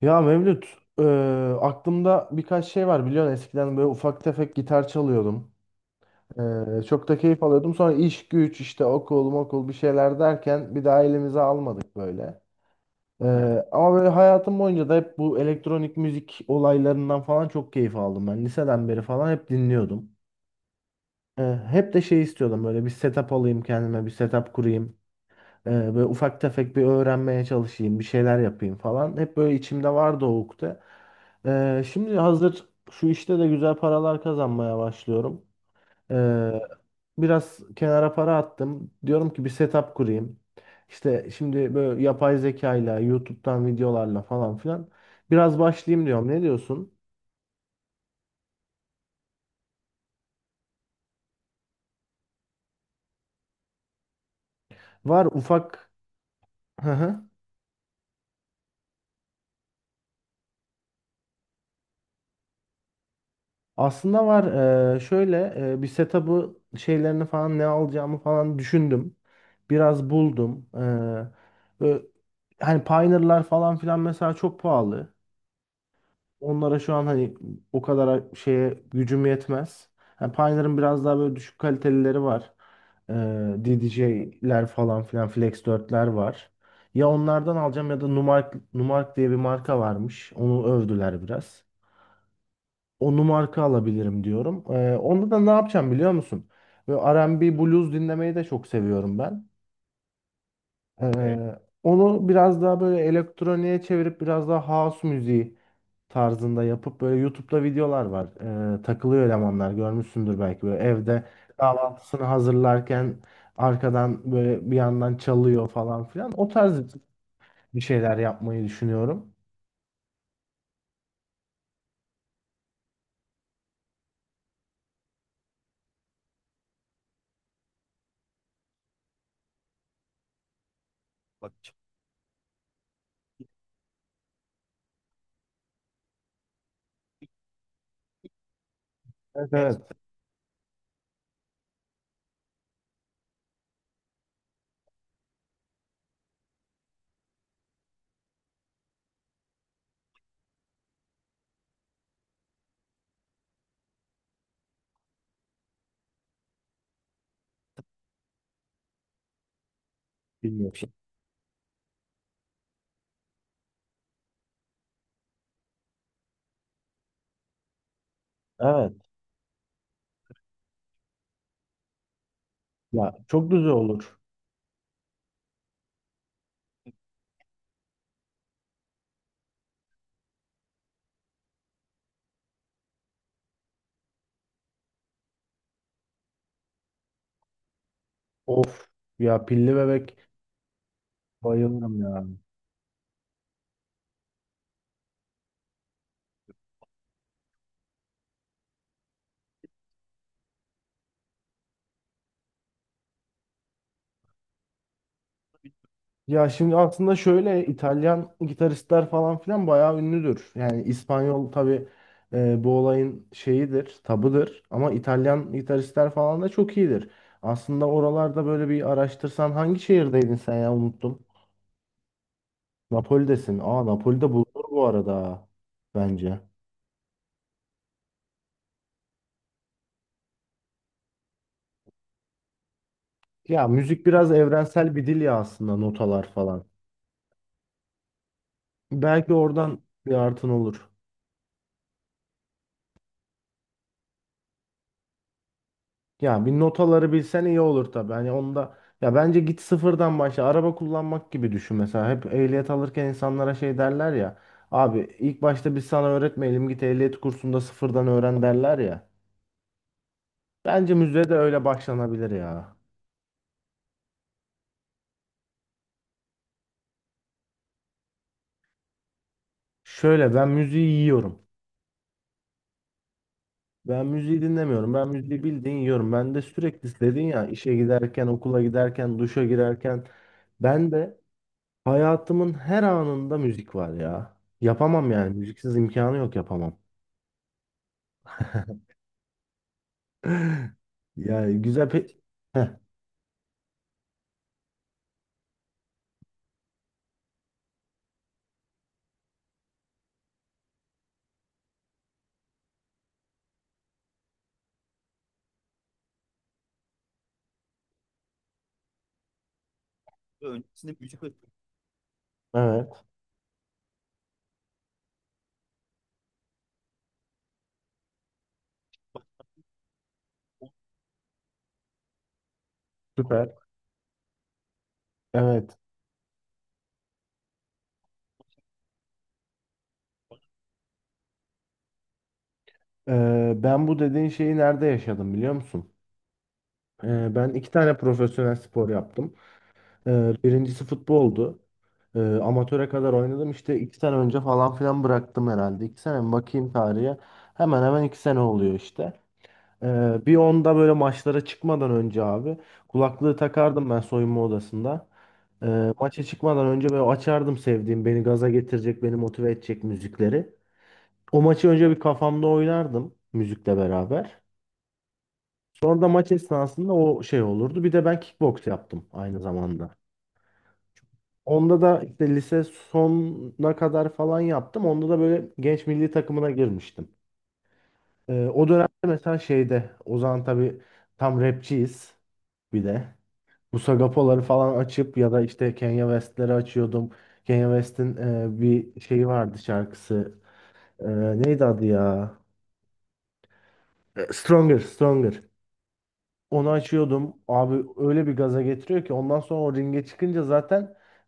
Ya Mevlüt, e, aklımda birkaç şey var biliyorsun, eskiden böyle ufak tefek gitar çalıyordum. Çok da keyif alıyordum. Sonra iş güç, işte okul bir şeyler derken bir daha elimize almadık böyle. E, Ama böyle hayatım boyunca da hep bu elektronik müzik olaylarından falan çok keyif aldım ben. Liseden beri falan hep dinliyordum. E, Hep de şey istiyordum, böyle bir setup alayım kendime, bir setup kurayım. Böyle ufak tefek bir öğrenmeye çalışayım, bir şeyler yapayım falan. Hep böyle içimde vardı o ukde. Şimdi hazır şu işte de güzel paralar kazanmaya başlıyorum. Ee, Biraz kenara para attım. Diyorum ki bir setup kurayım. İşte şimdi böyle yapay zekayla, YouTube'dan videolarla falan filan biraz başlayayım diyorum. Ne diyorsun? Var ufak. Aslında var, şöyle, bir setup'ı, şeylerini falan ne alacağımı falan düşündüm. Biraz buldum. Ö- hani Pioneer'lar falan filan mesela çok pahalı. Onlara şu an, hani, o kadar şeye gücüm yetmez. Yani Pioneer'ın biraz daha böyle düşük kalitelileri var. Eee DDJ'ler falan filan, Flex 4'ler var. Ya onlardan alacağım ya da Numark, Numark diye bir marka varmış. Onu övdüler biraz, onu marka alabilirim diyorum. Onda da ne yapacağım biliyor musun? Böyle R&B blues dinlemeyi de çok seviyorum ben. Onu biraz daha böyle elektroniğe çevirip biraz daha house müziği tarzında yapıp, böyle YouTube'da videolar var. Takılıyor elemanlar, görmüşsündür belki, böyle evde kahvaltısını hazırlarken arkadan böyle bir yandan çalıyor falan filan. O tarz bir şeyler yapmayı düşünüyorum. Bak. Evet, evet. Bilmiyorum. Şey. Evet. Ya çok güzel olur. Of. Ya pilli bebek bayılırım ya. Ya şimdi aslında şöyle, İtalyan gitaristler falan filan bayağı ünlüdür. Yani İspanyol tabii bu olayın şeyidir, tabıdır, ama İtalyan gitaristler falan da çok iyidir. Aslında oralarda böyle bir araştırsan. Hangi şehirdeydin sen ya, unuttum. Napoli'desin. Aa, Napoli'de bulunur bu arada bence. Ya müzik biraz evrensel bir dil ya aslında, notalar falan. Belki oradan bir artın olur. Ya bir notaları bilsen iyi olur tabii. Hani onda, ya, bence git sıfırdan başla. Araba kullanmak gibi düşün mesela. Hep ehliyet alırken insanlara şey derler ya. Abi ilk başta biz sana öğretmeyelim, git ehliyet kursunda sıfırdan öğren, derler ya. Bence müziğe de öyle başlanabilir ya. Şöyle, ben müziği yiyorum. Ben müziği dinlemiyorum. Ben müziği bildiğin yiyorum. Ben de sürekli, dedin ya, işe giderken, okula giderken, duşa girerken. Ben de hayatımın her anında müzik var ya. Yapamam yani. Müziksiz imkanı yok, yapamam. Yani güzel pe... Heh, evet, süper. Evet. Ben bu dediğin şeyi nerede yaşadım biliyor musun? Ben iki tane profesyonel spor yaptım. Birincisi futboldu. Amatöre kadar oynadım. İşte iki sene önce falan filan bıraktım herhalde. İki sene mi? Bakayım tarihe. Hemen hemen iki sene oluyor işte. Bir onda böyle maçlara çıkmadan önce abi, kulaklığı takardım ben soyunma odasında. Maça çıkmadan önce böyle açardım sevdiğim, beni gaza getirecek, beni motive edecek müzikleri. O maçı önce bir kafamda oynardım müzikle beraber. Sonra da maç esnasında o şey olurdu. Bir de ben kickbox yaptım aynı zamanda. Onda da işte lise sonuna kadar falan yaptım. Onda da böyle genç milli takımına girmiştim. O dönemde mesela, şeyde, o zaman tabii tam rapçiyiz bir de. Bu Sagapoları falan açıp ya da işte Kanye West'leri açıyordum. Kanye West'in bir şeyi vardı, şarkısı. E, Neydi adı ya? Stronger, Stronger. Onu açıyordum. Abi öyle bir gaza getiriyor ki ondan sonra o ringe çıkınca zaten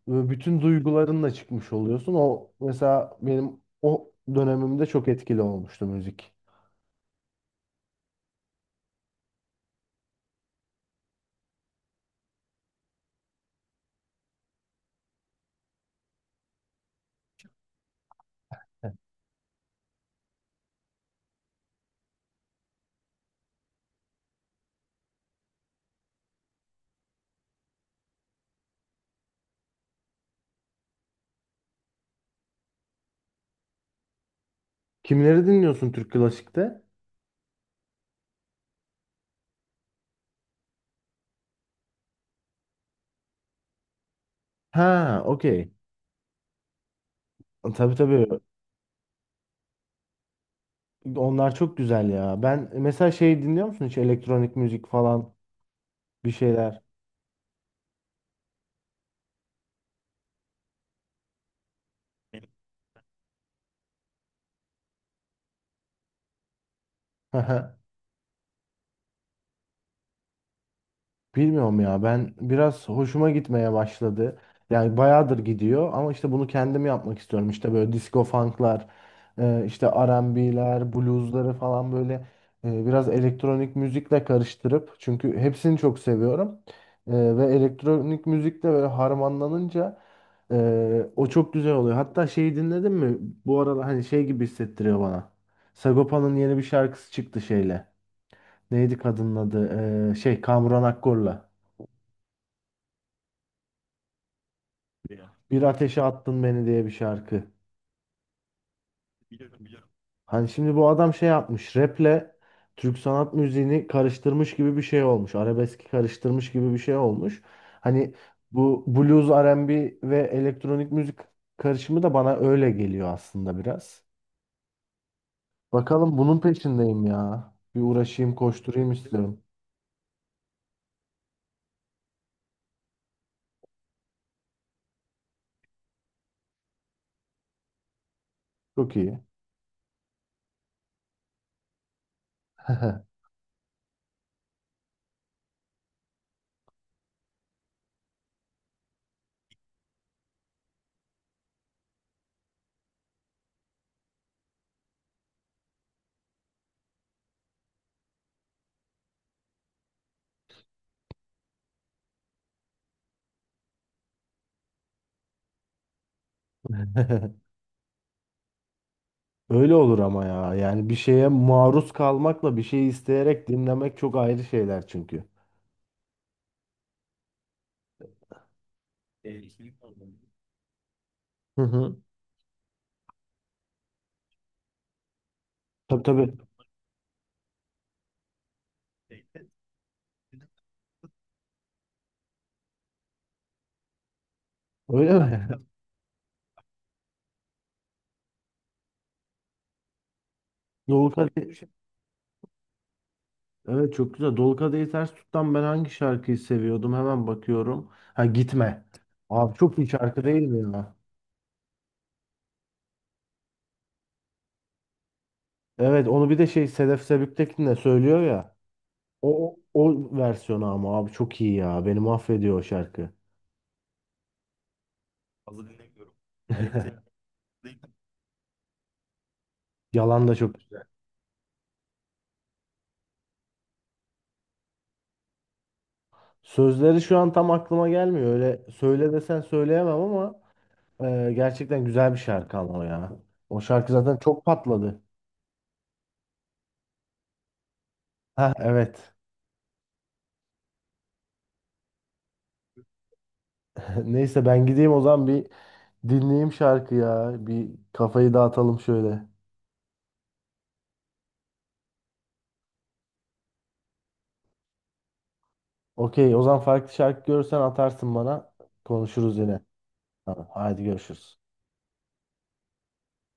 bütün duygularınla çıkmış oluyorsun. O mesela benim o dönemimde çok etkili olmuştu müzik. Kimleri dinliyorsun Türk klasikte? Ha, okey. Tabii, tabii. Onlar çok güzel ya. Ben mesela şey, dinliyor musun hiç elektronik müzik falan, bir şeyler? Bilmiyorum ya, ben biraz hoşuma gitmeye başladı. Yani bayağıdır gidiyor, ama işte bunu kendim yapmak istiyorum. İşte böyle disco funk'lar, işte R&B'ler, blues'ları falan, böyle biraz elektronik müzikle karıştırıp, çünkü hepsini çok seviyorum. Ve elektronik müzikle böyle harmanlanınca o çok güzel oluyor. Hatta şeyi dinledin mi? Bu arada hani şey gibi hissettiriyor bana. Sagopa'nın yeni bir şarkısı çıktı şeyle. Neydi kadının adı? Şey Kamuran Akkor'la. Bir ateşe attın beni diye bir şarkı. Hani şimdi bu adam şey yapmış. Rap'le Türk sanat müziğini karıştırmış gibi bir şey olmuş. Arabeski karıştırmış gibi bir şey olmuş. Hani bu blues, R&B ve B ve elektronik müzik karışımı da bana öyle geliyor aslında biraz. Bakalım, bunun peşindeyim ya. Bir uğraşayım, koşturayım istiyorum. Çok iyi. Öyle olur ama ya. Yani bir şeye maruz kalmakla bir şeyi isteyerek dinlemek çok ayrı şeyler çünkü. Hı hı. Tabii, tabii. Öyle mi? Dolu Kadehi, evet, çok güzel. Dolu Kadehi Ters Tut'tan ben hangi şarkıyı seviyordum? Hemen bakıyorum. Ha, Gitme. Abi çok iyi şarkı değil mi ya? Evet, onu bir de şey Sedef Sebüktekin de söylüyor ya. O, o, o versiyonu, ama abi çok iyi ya. Beni mahvediyor o şarkı. Yalan da çok güzel. Sözleri şu an tam aklıma gelmiyor. Öyle söyle desen söyleyemem, ama gerçekten güzel bir şarkı ama o ya. O şarkı zaten çok patladı. Ha, evet. Neyse, ben gideyim o zaman bir, dinleyeyim şarkı ya. Bir kafayı dağıtalım şöyle. Okey, o zaman farklı şarkı görürsen atarsın bana. Konuşuruz yine. Tamam, hadi görüşürüz.